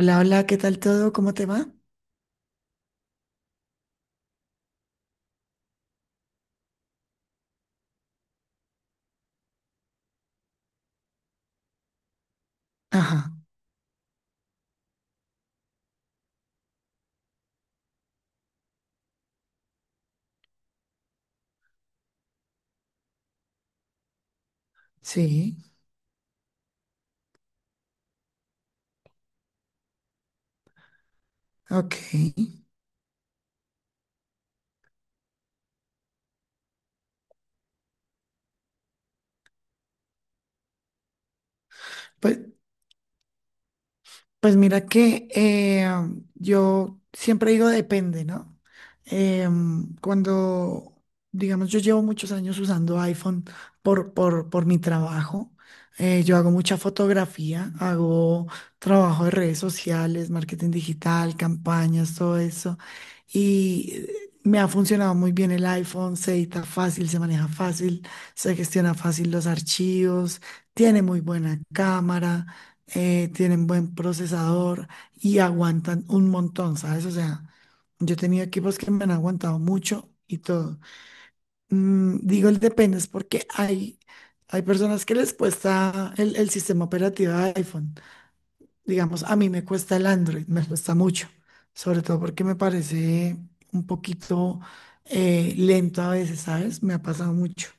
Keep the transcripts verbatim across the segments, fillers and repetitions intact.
Hola, hola, ¿qué tal todo? ¿Cómo te va? Ajá, sí, ok. Pues Pues mira que eh, yo siempre digo depende, ¿no? Em, cuando, digamos, yo llevo muchos años usando iPhone por, por, por mi trabajo. Eh, yo hago mucha fotografía, hago trabajo de redes sociales, marketing digital, campañas, todo eso. Y eh, me ha funcionado muy bien el iPhone, se edita fácil, se maneja fácil, se gestiona fácil los archivos, tiene muy buena cámara, eh, tienen buen procesador y aguantan un montón, ¿sabes? O sea, yo he tenido equipos que me han aguantado mucho y todo. Mm, digo el depende, es porque hay, hay personas que les cuesta el, el sistema operativo de iPhone. Digamos, a mí me cuesta el Android, me cuesta mucho, sobre todo porque me parece un poquito eh, lento a veces, ¿sabes? Me ha pasado mucho.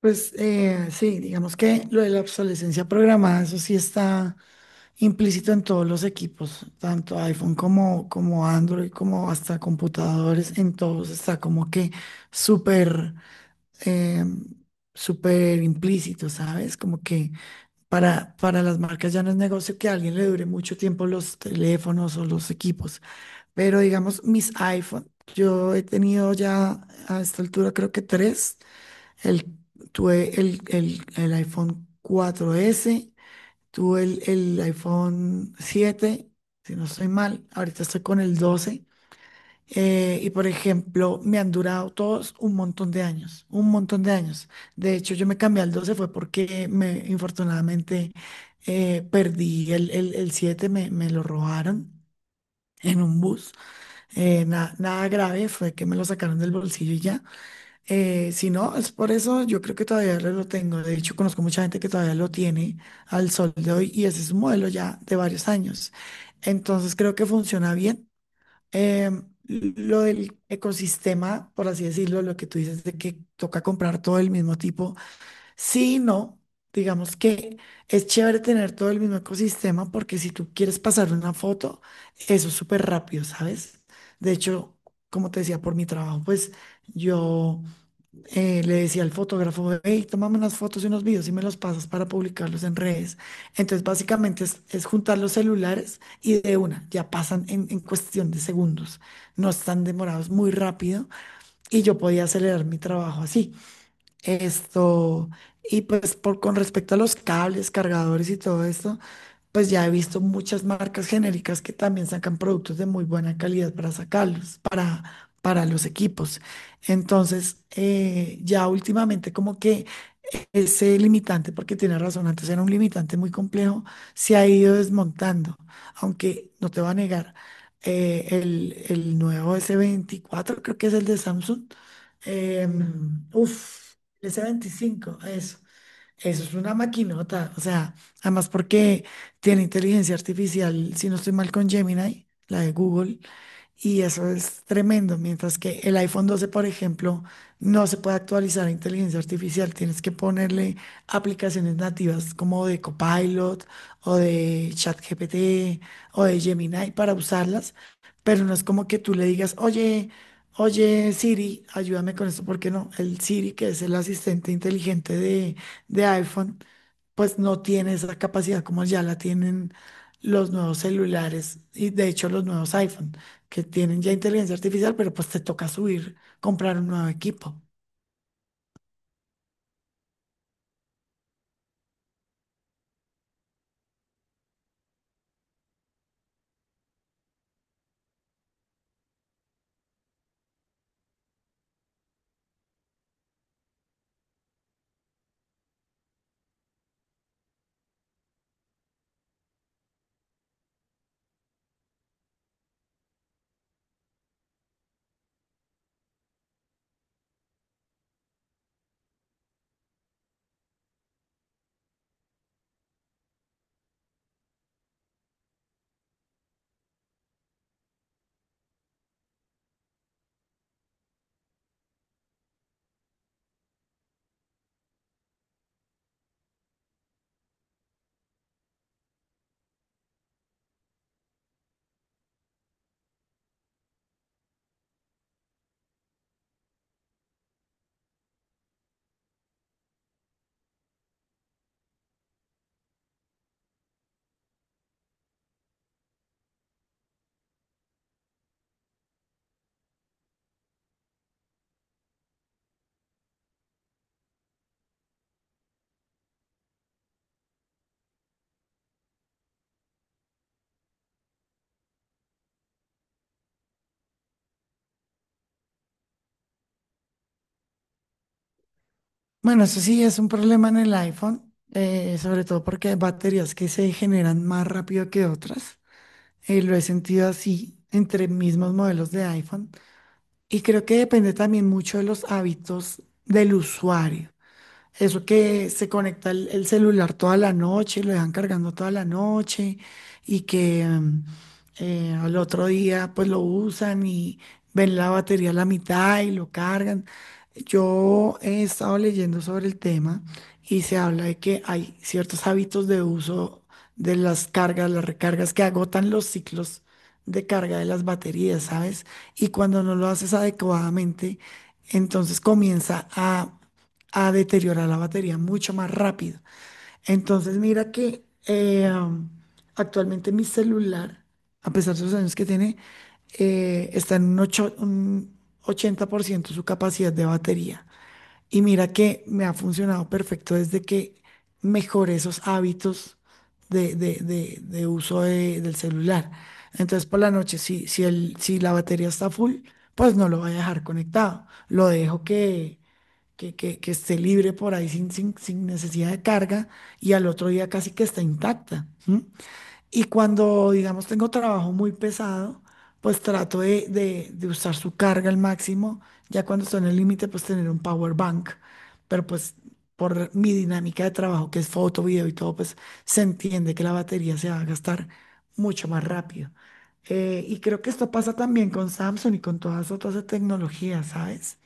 Pues eh, sí, digamos que lo de la obsolescencia programada, eso sí está implícito en todos los equipos, tanto iPhone como, como Android, como hasta computadores, en todos está como que súper, eh, súper implícito, ¿sabes? Como que para, para las marcas ya no es negocio que a alguien le dure mucho tiempo los teléfonos o los equipos, pero digamos mis iPhone, yo he tenido ya a esta altura creo que tres. El, tuve el, el, el iPhone cuatro s, tuve el, el iPhone siete, si no estoy mal, ahorita estoy con el doce. eh, y por ejemplo, me han durado todos un montón de años, un montón de años. De hecho, yo me cambié al doce fue porque me, infortunadamente, eh, perdí el, el, el siete, me, me lo robaron en un bus. Eh, na- nada grave, fue que me lo sacaron del bolsillo y ya. Eh, si no, es por eso yo creo que todavía lo lo tengo. De hecho, conozco mucha gente que todavía lo tiene al sol de hoy y ese es un modelo ya de varios años. Entonces creo que funciona bien. Em, lo del ecosistema, por así decirlo, lo que tú dices de que toca comprar todo el mismo tipo, sí, y no. Digamos que es chévere tener todo el mismo ecosistema porque si tú quieres pasar una foto, eso es súper rápido, ¿sabes? De hecho, como te decía, por mi trabajo, pues yo eh, le decía al fotógrafo: hey, tómame unas fotos y unos videos y me los pasas para publicarlos en redes. Entonces, básicamente es, es juntar los celulares y, de una, ya pasan en, en cuestión de segundos. No están demorados, muy rápido, y yo podía acelerar mi trabajo así. Esto, y pues, por, con respecto a los cables, cargadores y todo esto, pues ya he visto muchas marcas genéricas que también sacan productos de muy buena calidad para sacarlos, para, para los equipos. Entonces, eh, ya últimamente como que ese limitante, porque tiene razón, antes era un limitante muy complejo, se ha ido desmontando, aunque no te voy a negar, eh, el, el nuevo S veinticuatro, creo que es el de Samsung, em, uf, el S veinticinco, eso. Eso es una maquinota, o sea, además porque tiene inteligencia artificial, si no estoy mal, con Gemini, la de Google, y eso es tremendo, mientras que el iPhone doce, por ejemplo, no se puede actualizar a inteligencia artificial, tienes que ponerle aplicaciones nativas como de Copilot o de ChatGPT o de Gemini para usarlas, pero no es como que tú le digas, oye, oye Siri, ayúdame con esto, porque no, el Siri, que es el asistente inteligente de, de iPhone, pues no tiene esa capacidad como ya la tienen los nuevos celulares y, de hecho, los nuevos iPhone que tienen ya inteligencia artificial, pero pues te toca subir, comprar un nuevo equipo. Bueno, eso sí es un problema en el iPhone, eh, sobre todo porque hay baterías que se generan más rápido que otras. Eh, lo he sentido así entre mismos modelos de iPhone. Y creo que depende también mucho de los hábitos del usuario. Eso que se conecta el, el celular toda la noche, lo dejan cargando toda la noche y que mm, eh, al otro día pues lo usan y ven la batería a la mitad y lo cargan. Yo he estado leyendo sobre el tema y se habla de que hay ciertos hábitos de uso de las cargas, las recargas que agotan los ciclos de carga de las baterías, ¿sabes? Y cuando no lo haces adecuadamente, entonces comienza a a deteriorar la batería mucho más rápido. Entonces, mira que eh, actualmente mi celular, a pesar de los años que tiene, eh, está en un, ocho- un ochenta por ciento su capacidad de batería. Y mira que me ha funcionado perfecto desde que mejoré esos hábitos de, de- de- de uso de- del celular. Entonces, por la noche, si, si, el, si la batería está full, pues no lo voy a dejar conectado. Lo dejo que, que, que esté libre por ahí sin, sin, sin necesidad de carga, y al otro día casi que está intacta. ¿M? Y cuando, digamos, tengo trabajo muy pesado, pues trato de, de- de usar su carga al máximo. Ya cuando estoy en el límite, pues tener un power bank. Pero pues por mi dinámica de trabajo, que es foto, video y todo, pues se entiende que la batería se va a gastar mucho más rápido. Eh, y creo que esto pasa también con Samsung y con todas otras tecnologías, ¿sabes?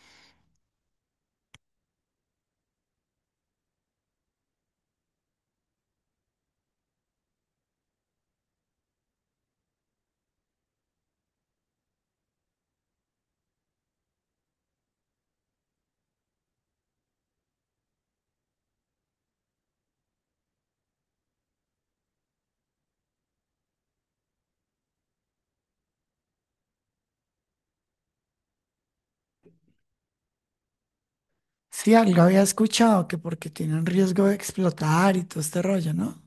Sí, algo había escuchado que porque tienen riesgo de explotar y todo este rollo, ¿no?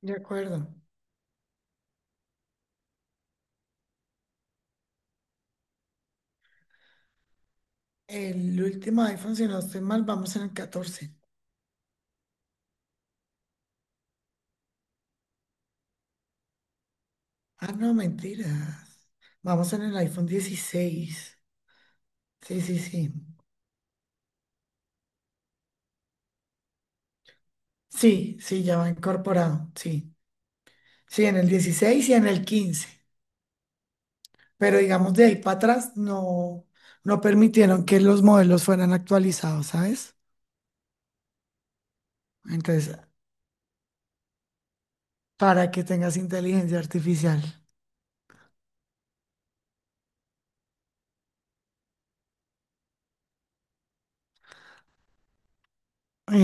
De acuerdo. El último iPhone, si no estoy mal, vamos en el catorce. Ah, no, mentiras. Vamos en el iPhone dieciséis. Sí, sí, sí. Sí, sí, ya va incorporado. Sí. Sí, en el dieciséis y en el quince. Pero digamos, de ahí para atrás no, no permitieron que los modelos fueran actualizados, ¿sabes? Entonces, para que tengas inteligencia artificial.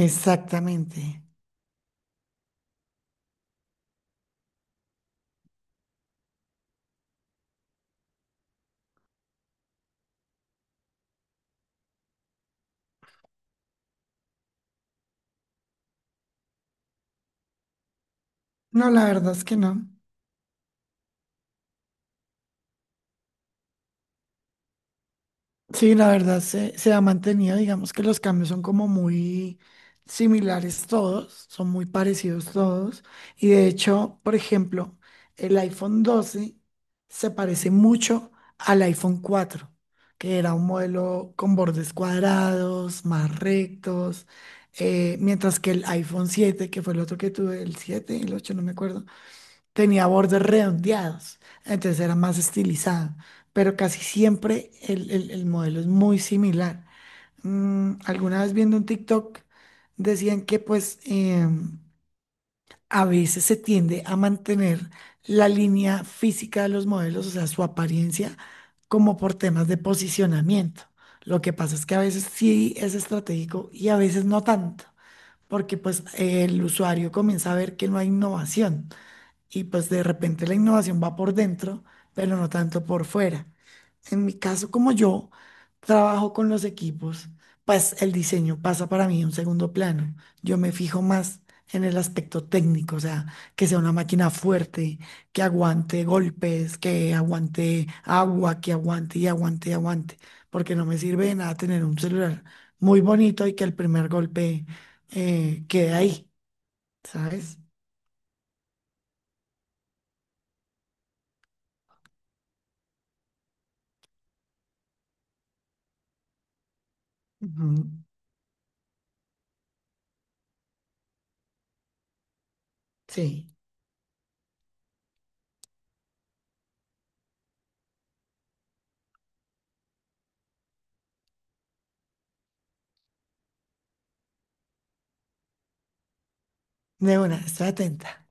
Exactamente. No, la verdad es que no. Sí, la verdad se, se ha mantenido, digamos que los cambios son como muy similares todos, son muy parecidos todos. Y de hecho, por ejemplo, el iPhone doce se parece mucho al iPhone cuatro, que era un modelo con bordes cuadrados, más rectos, eh, mientras que el iPhone siete, que fue el otro que tuve, el siete, el ocho, no me acuerdo, tenía bordes redondeados, entonces era más estilizado, pero casi siempre el, el- el modelo es muy similar. Mm, alguna vez viendo un TikTok decían que pues em, a veces se tiende a mantener la línea física de los modelos, o sea, su apariencia, como por temas de posicionamiento. Lo que pasa es que a veces sí es estratégico y a veces no tanto, porque pues el usuario comienza a ver que no hay innovación y pues de repente la innovación va por dentro, pero no tanto por fuera. En mi caso, como yo trabajo con los equipos, pues el diseño pasa para mí a un segundo plano. Yo me fijo más en el aspecto técnico, o sea, que sea una máquina fuerte, que aguante golpes, que aguante agua, que aguante y aguante y aguante, porque no me sirve de nada tener un celular muy bonito y que el primer golpe eh, quede ahí, ¿sabes? Ujú, sí. De una, estoy atenta.